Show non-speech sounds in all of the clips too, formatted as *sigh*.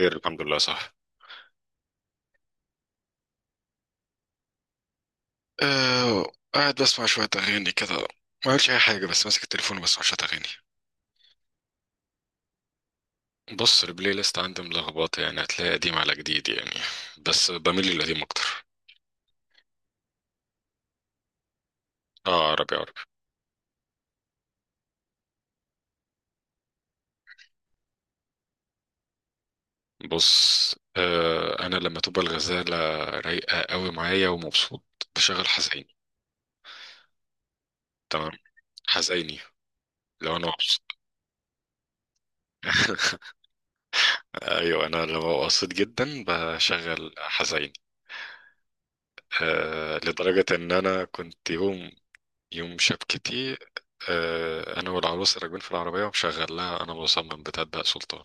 خير الحمد لله، صح. قاعد بسمع شوية أغاني كده، ما عملتش أي حاجة بس ماسك التليفون وبسمع شوية أغاني. بص، البلاي ليست عندي ملخبطة، يعني هتلاقي قديم على جديد يعني، بس بميل للقديم أكتر. اه، عربي عربي. بص أنا لما تبقى الغزالة رايقة قوي معايا ومبسوط بشغل حزيني. تمام، حزيني. لو أنا مبسوط *laughs* ايوه، انا لما ببقى مبسوط جدا بشغل حزين. لدرجه ان انا كنت يوم، يوم شبكتي. انا والعروسه راكبين في العربيه ومشغل لها، انا مصمم بتبدأ سلطان.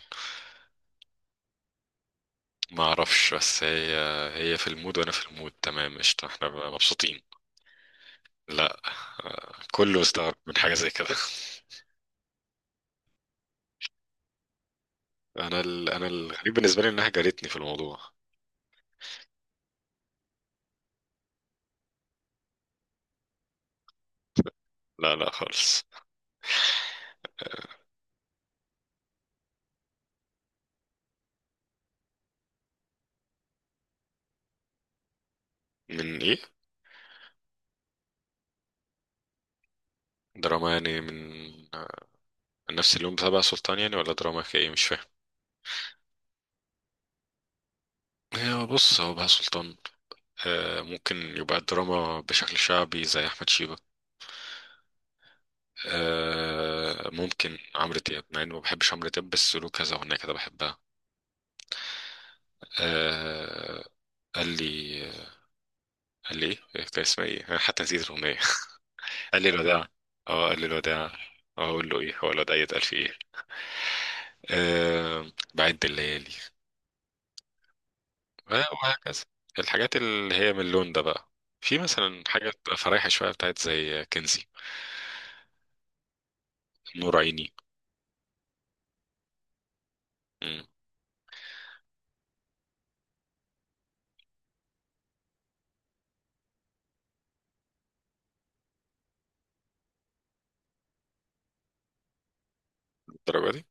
ما اعرفش، بس هي في المود وانا في المود، تمام قشطه، احنا بقى مبسوطين. لا. كله استغرب من حاجه زي كده *laughs* انا الغريب بالنسبه لي انها جارتني في الموضوع. لا لا خالص. من ايه؟ دراما يعني، من آه، نفس اليوم بتاع بقى سلطان يعني؟ ولا دراما ايه؟ مش فاهم. هي بص، هو بقى سلطان ممكن يبقى الدراما بشكل شعبي زي احمد شيبة. آه، ممكن عمرو دياب، مع اني ما بحبش عمرو دياب بس له كذا اغنيه كده بحبها. آه، قال لي، قال لي إيه كان اسمها ايه؟ انا حتى نسيت الاغنيه. *laughs* قال لي الوداع. اه، قال لي الوداع. اه، اقول له ايه؟ هو الوداع يتقال فيه ايه؟ آه، بعد الليالي. آه، وهكذا، الحاجات اللي هي من اللون ده بقى. في مثلا حاجه بتبقى فرايحه شويه بتاعت زي كنزي، نور عيني. مم، الدرجه دي.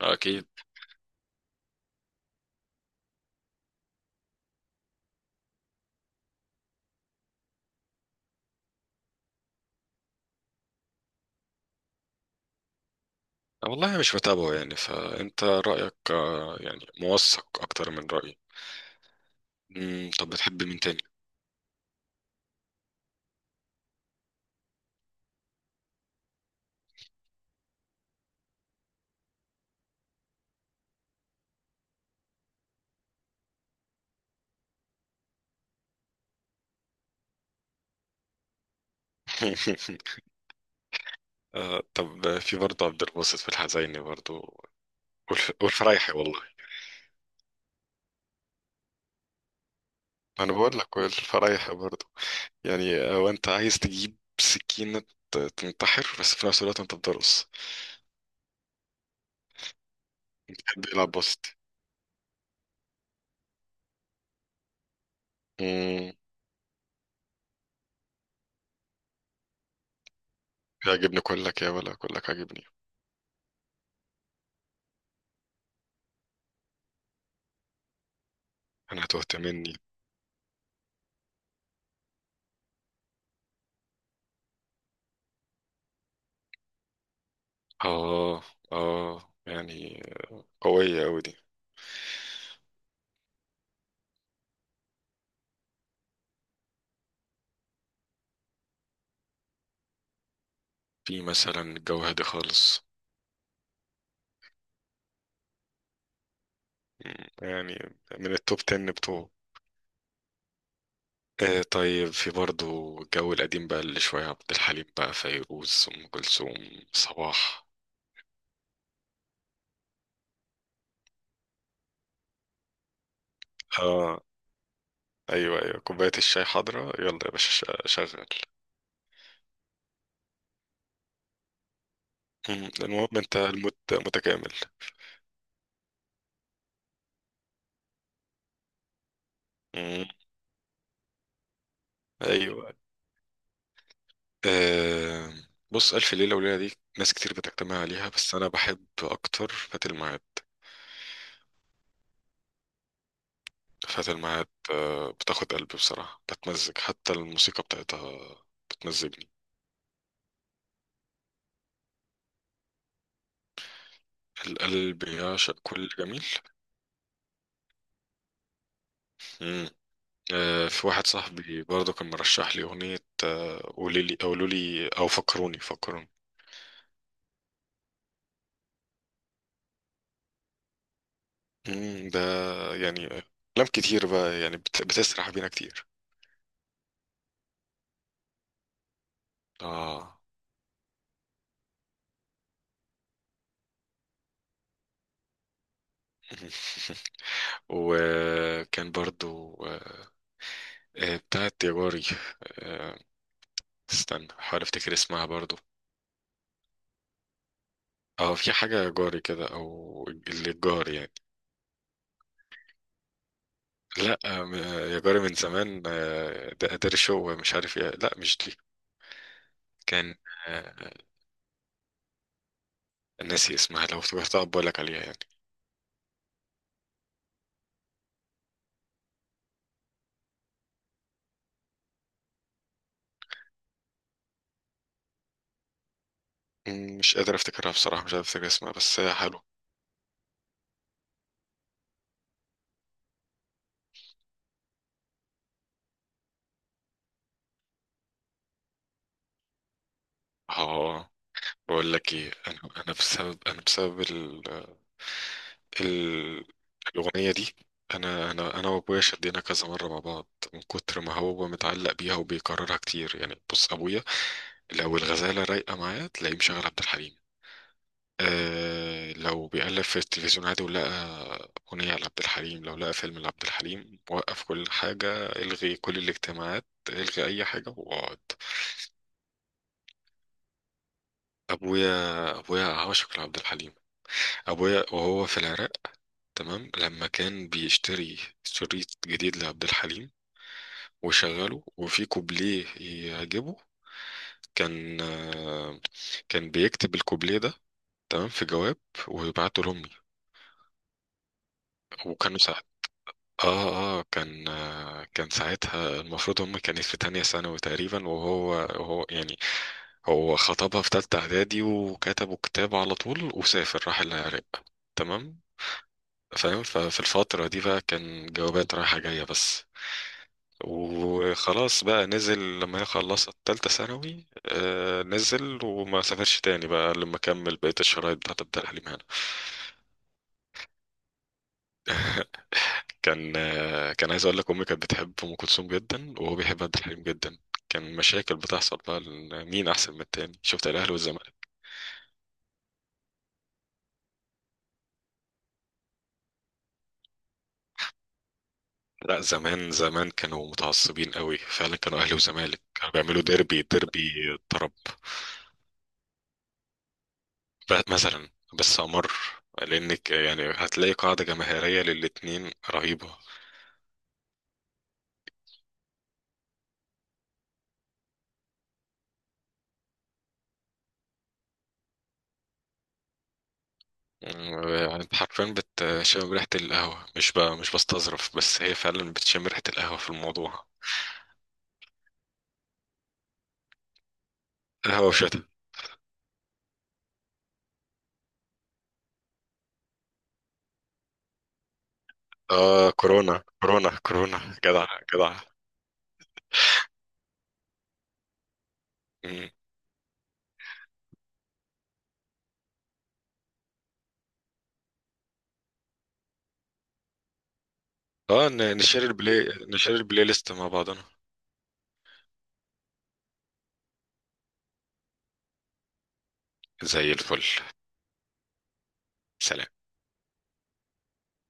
آه، اكيد. والله مش متابعه يعني، فانت رايك يعني موثق اكتر من رايي. مم، طب بتحب مين تاني؟ *laughs* آه، طب في برضه عبد الباسط في الحزيني برضه، والفرايحي، والله. أنا بقول لك والفرايحي برضه يعني، وأنت عايز تجيب سكينة تنتحر، بس في نفس الوقت أنت بتدرس. بتحب يلعب باسط؟ مم، يعجبني كلك يا ولا كلك عاجبني. أنا هتوهت مني. آه. آه يعني، قوية أوي دي. في مثلا الجو هادي خالص. مم، يعني من التوب 10 بتوعه. آه، طيب في برضو الجو القديم بقى، اللي شوية عبد الحليم بقى، فيروز، أم كلثوم، صباح. اه. ايوه ايوه، كوباية الشاي حاضرة، يلا يا باشا، شغل. المهم انت الموت متكامل. مم. ايوه. آه، بص، ألف ليلة وليلة دي ناس كتير بتجتمع عليها، بس أنا بحب أكتر فات الميعاد. فات الميعاد آه، بتاخد قلبي بصراحة، بتمزج حتى الموسيقى بتاعتها بتمزجني. القلب يعشق كل جميل. آه، في واحد صاحبي برضه كان مرشح لي أغنية قولي لي، قولوا لي أو فكروني فكروني. ده يعني أفلام كتير بقى يعني بتسرح بينا كتير. آه. *laughs* وكان برضو بتاعت يا جاري. آه، استنى حاول افتكر اسمها برضو. اه، في حاجة يا جاري كده، او اللي الجار يعني. لا يا جاري من زمان ده قدر شو مش عارف ايه، لا مش دي. كان آه، ناسي اسمها، لو افتكرتها بقول لك عليها يعني. مم، مش قادر افتكرها بصراحة، مش قادر افتكر اسمها، بس هي حلو. اه. بقول لك ايه، انا انا بسبب، انا بسبب ال... الاغنية دي، انا وابويا شدينا كذا مرة مع بعض من كتر ما هو متعلق بيها وبيكررها كتير. يعني بص، ابويا لو الغزالة رايقة معايا تلاقيه مشغل عبد الحليم. آه، لو بيقلب في التلفزيون عادي ولقى أغنية لعبد الحليم، لو لقى فيلم لعبد الحليم، وقف كل حاجة، الغي كل الاجتماعات، الغي أي حاجة واقعد. أبويا أبويا عاشق لعبد الحليم. أبويا وهو في العراق، تمام، لما كان بيشتري شريط جديد لعبد الحليم وشغله وفي كوبليه يعجبه، كان كان بيكتب الكوبليه ده، تمام، في جواب، ويبعته لأمي. وكانوا ساعات، اه كان كان ساعتها المفروض هم كانت في تانية ثانوي تقريبا، وهو يعني هو خطبها في تالتة اعدادي وكتبوا كتاب على طول وسافر راح العراق، تمام. فاهم، ففي الفترة دي بقى كان جوابات رايحة جاية بس. وخلاص بقى نزل لما هي خلصت تالتة ثانوي، آه، نزل وما سافرش تاني بقى، لما كمل بقية الشرايط بتاعت عبد الحليم هنا. كان كان عايز اقول لك، امي كانت بتحب ام كلثوم جدا، وهو بيحب عبد الحليم جدا، كان مشاكل بتحصل بقى لأن مين احسن من التاني، شفت الاهلي والزمالك. لا زمان زمان كانوا متعصبين قوي فعلا، كانوا اهلي وزمالك كانوا بيعملوا ديربي ديربي طرب. بقى مثلا بس امر، لانك يعني هتلاقي قاعده جماهيريه للاتنين رهيبه. يعني انت حرفيا بتشم ريحه القهوه، مش بستظرف، بس هي فعلا بتشم ريحه القهوه في الموضوع. قهوه وشتا. اه، كورونا كورونا كورونا. جدع جدع. مم. اه، نشير البلاي، نشير البلاي ليست مع بعضنا. زي الفل. سلام.